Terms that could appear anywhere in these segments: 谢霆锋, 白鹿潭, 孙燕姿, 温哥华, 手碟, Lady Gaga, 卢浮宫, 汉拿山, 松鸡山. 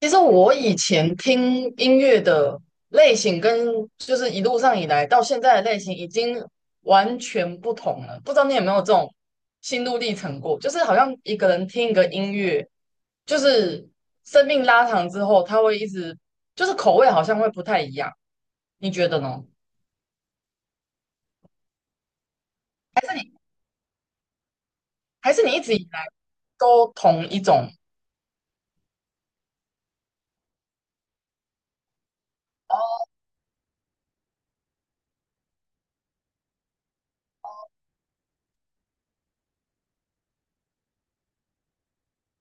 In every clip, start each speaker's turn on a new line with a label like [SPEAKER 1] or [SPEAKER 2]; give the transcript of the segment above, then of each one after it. [SPEAKER 1] 其实我以前听音乐的类型跟一路上以来到现在的类型已经完全不同了，不知道你有没有这种心路历程过？就是好像一个人听一个音乐，就是生命拉长之后，他会一直口味好像会不太一样，你觉得呢？还是你一直以来都同一种？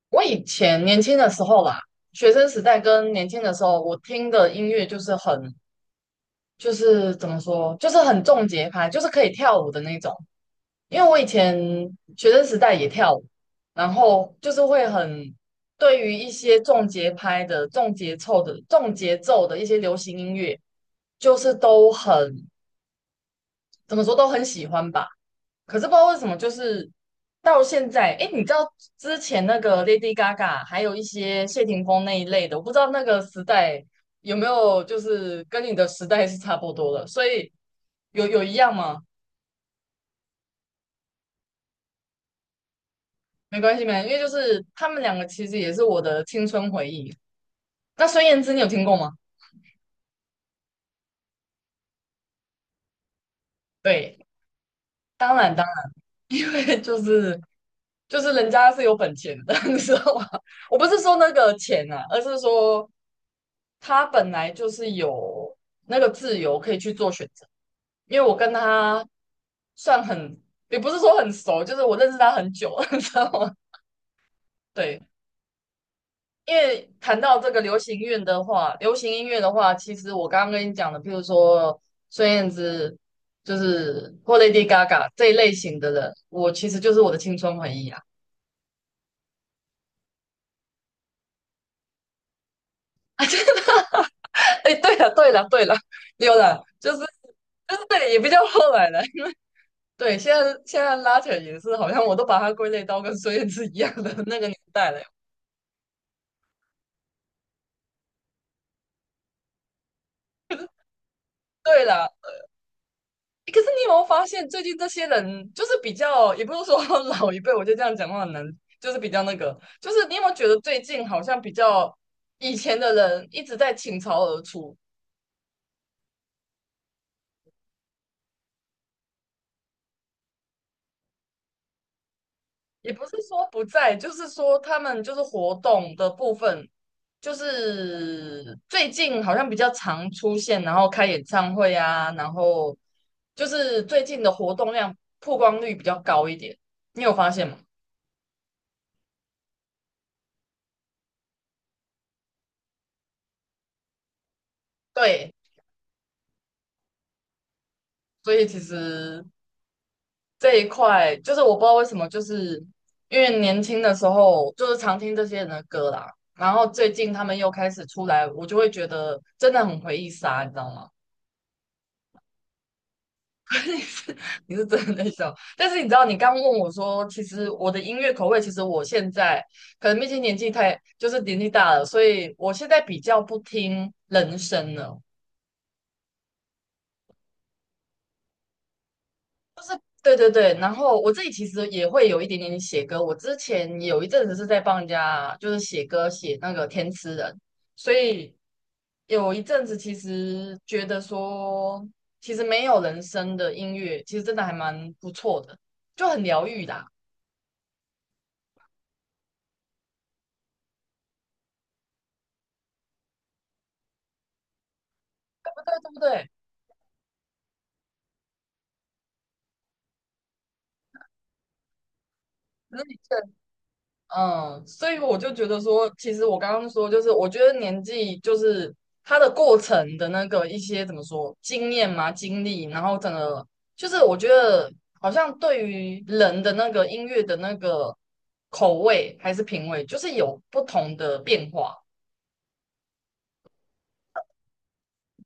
[SPEAKER 1] 我以前年轻的时候啦，学生时代跟年轻的时候，我听的音乐就是很就是怎么说，就是很重节拍，就是可以跳舞的那种。因为我以前学生时代也跳舞，然后就是会很对于一些重节拍的、重节奏的一些流行音乐，就是都很怎么说都很喜欢吧。可是不知道为什么，就是到现在，哎，你知道之前那个 Lady Gaga，还有一些谢霆锋那一类的，我不知道那个时代有没有就是跟你的时代是差不多的，所以有一样吗？没关系，没关系，因为就是他们两个其实也是我的青春回忆。那孙燕姿你有听过吗？对，当然当然，对，就是人家是有本钱的，你知道吗？我不是说那个钱啊，而是说他本来就是有那个自由可以去做选择，因为我跟他算很，也不是说很熟，就是我认识他很久，你知道吗？对，因为谈到这个流行乐的话，流行音乐的话，其实我刚刚跟你讲的，譬如说孙燕姿，就是或 Lady Gaga 这一类型的人，我其实就是我的青春回忆啊。哎，对了，对了，对了，有了，就是对，也比较后来了。对，现在拉扯也是，好像我都把它归类到跟孙燕姿一样的那个年代了。对啦，诶可是你有没有发现，最近这些人就是比较，也不是说 老一辈，我就这样讲话很难，就是比较那个，就是你有没有觉得最近好像比较以前的人一直在倾巢而出，也不是说不在，就是说他们就是活动的部分，就是最近好像比较常出现，然后开演唱会啊，然后就是最近的活动量曝光率比较高一点，你有发现吗？对，所以其实这一块就是我不知道为什么，就是因为年轻的时候就是常听这些人的歌啦，然后最近他们又开始出来，我就会觉得真的很回忆杀，你知道吗？你是真的在笑，但是你知道，你刚问我说，其实我的音乐口味，其实我现在可能毕竟年纪太，就是年纪大了，所以我现在比较不听人声了。对对对，然后我自己其实也会有一点点写歌，我之前有一阵子是在帮人家就是写歌，写那个填词人，所以有一阵子其实觉得说，其实没有人声的音乐，其实真的还蛮不错的，就很疗愈的啊，对不对？嗯，所以我就觉得说，其实我刚刚说，就是我觉得年纪就是它的过程的那个一些怎么说经验嘛、经历，然后整个就是我觉得好像对于人的那个音乐的那个口味还是品味，就是有不同的变化。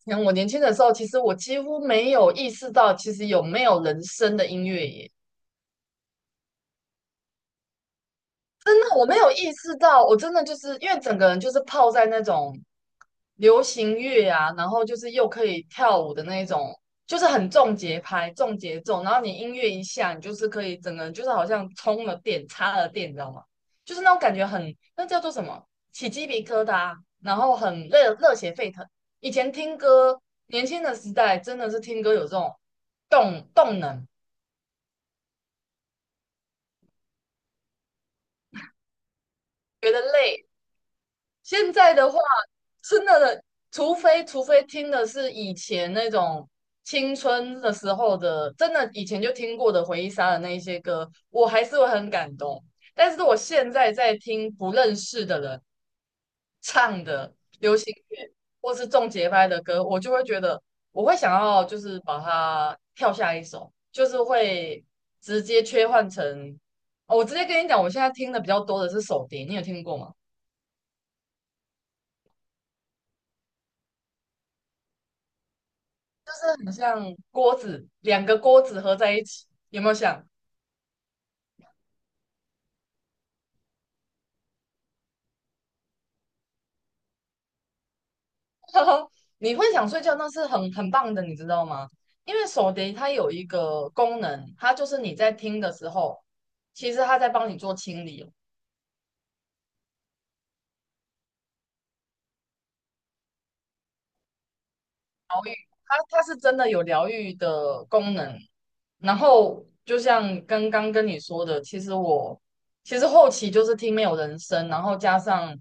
[SPEAKER 1] 像我年轻的时候，其实我几乎没有意识到，其实有没有人声的音乐耶。真的，我没有意识到，我真的就是因为整个人就是泡在那种流行乐啊，然后就是又可以跳舞的那种，就是很重节拍、重节奏，然后你音乐一下，你就是可以整个人就是好像充了电、插了电，你知道吗？就是那种感觉很，那叫做什么？起鸡皮疙瘩，然后很热血沸腾。以前听歌，年轻的时代真的是听歌有这种动能，觉得累。现在的话，真的，除非听的是以前那种青春的时候的，真的以前就听过的回忆杀的那一些歌，我还是会很感动。但是我现在在听不认识的人唱的流行乐或是重节拍的歌，我就会觉得我会想要就是把它跳下一首，就是会直接切换成，哦，我直接跟你讲，我现在听的比较多的是手碟，你有听过吗？就是很像锅子，两个锅子合在一起，有没有想？你会想睡觉，那是很棒的，你知道吗？因为手碟它有一个功能，它就是你在听的时候，其实它在帮你做清理哦。它是真的有疗愈的功能。然后就像刚刚跟你说的，其实我其实后期就是听没有人声，然后加上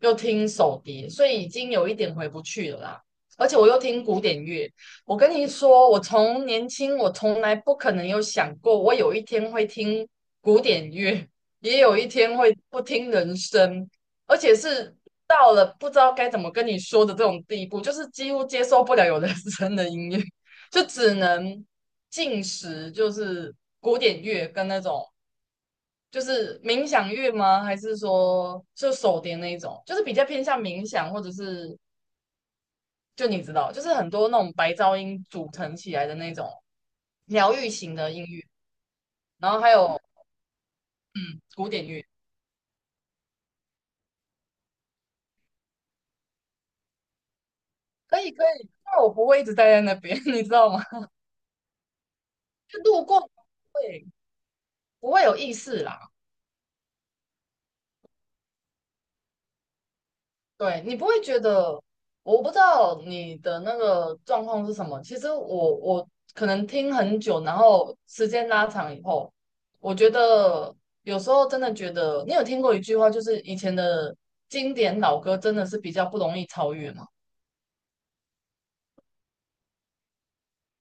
[SPEAKER 1] 又听手碟，所以已经有一点回不去了啦。而且我又听古典乐，我跟你说，我从年轻我从来不可能有想过，我有一天会听古典乐，也有一天会不听人声。而且是到了不知道该怎么跟你说的这种地步，就是几乎接受不了有人声的音乐，就只能进食，就是古典乐跟那种就是冥想乐吗？还是说就手碟那一种，就是比较偏向冥想，或者是就你知道，就是很多那种白噪音组成起来的那种疗愈型的音乐，然后还有古典乐，可以可以，但我不会一直待在那边，你知道吗？就路过会不会有意识啦。对，你不会觉得，我不知道你的那个状况是什么。其实我可能听很久，然后时间拉长以后，我觉得有时候真的觉得，你有听过一句话，就是以前的经典老歌真的是比较不容易超越吗？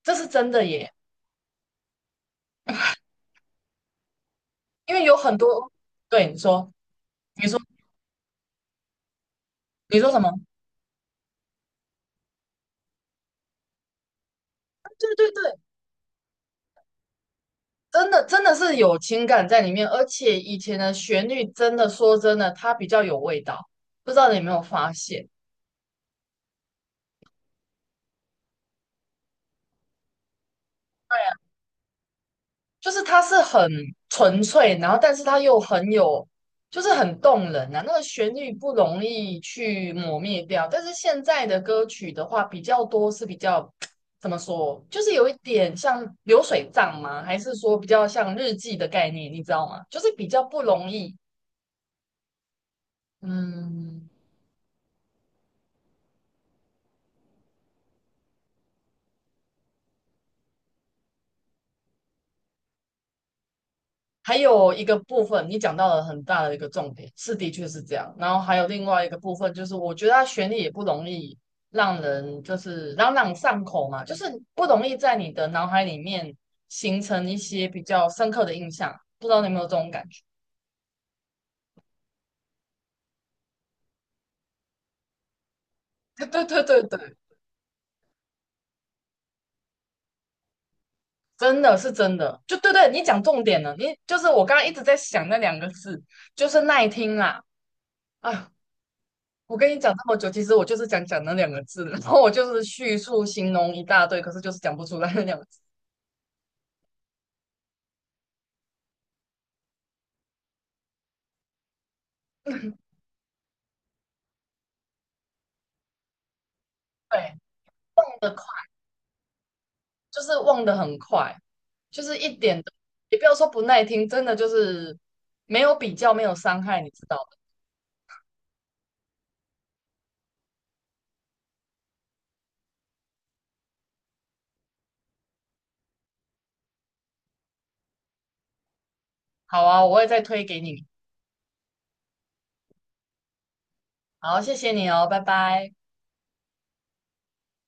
[SPEAKER 1] 这是真的耶，因为有很多，对，你说，你说什么？对对对，真的真的是有情感在里面，而且以前的旋律真的说真的，它比较有味道，不知道你有没有发现？就是它是很纯粹，然后但是它又很有，就是很动人啊。那个旋律不容易去磨灭掉，但是现在的歌曲的话，比较多是比较 怎么说，就是有一点像流水账吗？还是说比较像日记的概念，你知道吗？就是比较不容易，嗯，还有一个部分，你讲到了很大的一个重点，是的确是这样。然后还有另外一个部分，就是我觉得它旋律也不容易让人就是朗朗上口嘛，就是不容易在你的脑海里面形成一些比较深刻的印象。不知道你有没有这种感觉？对对对对，真的是真的，就对对，你讲重点了。你就是我刚刚一直在想那两个字，就是耐听啦。哎，我跟你讲这么久，其实我就是想讲那两个字，然后我就是叙述形容一大堆，可是就是讲不出来那两个字。对，快，忘得快就是忘得很快，就是一点都，也不要说不耐听，真的就是没有比较，没有伤害，你知道的。好啊，我会再推给你。好，谢谢你哦，拜拜。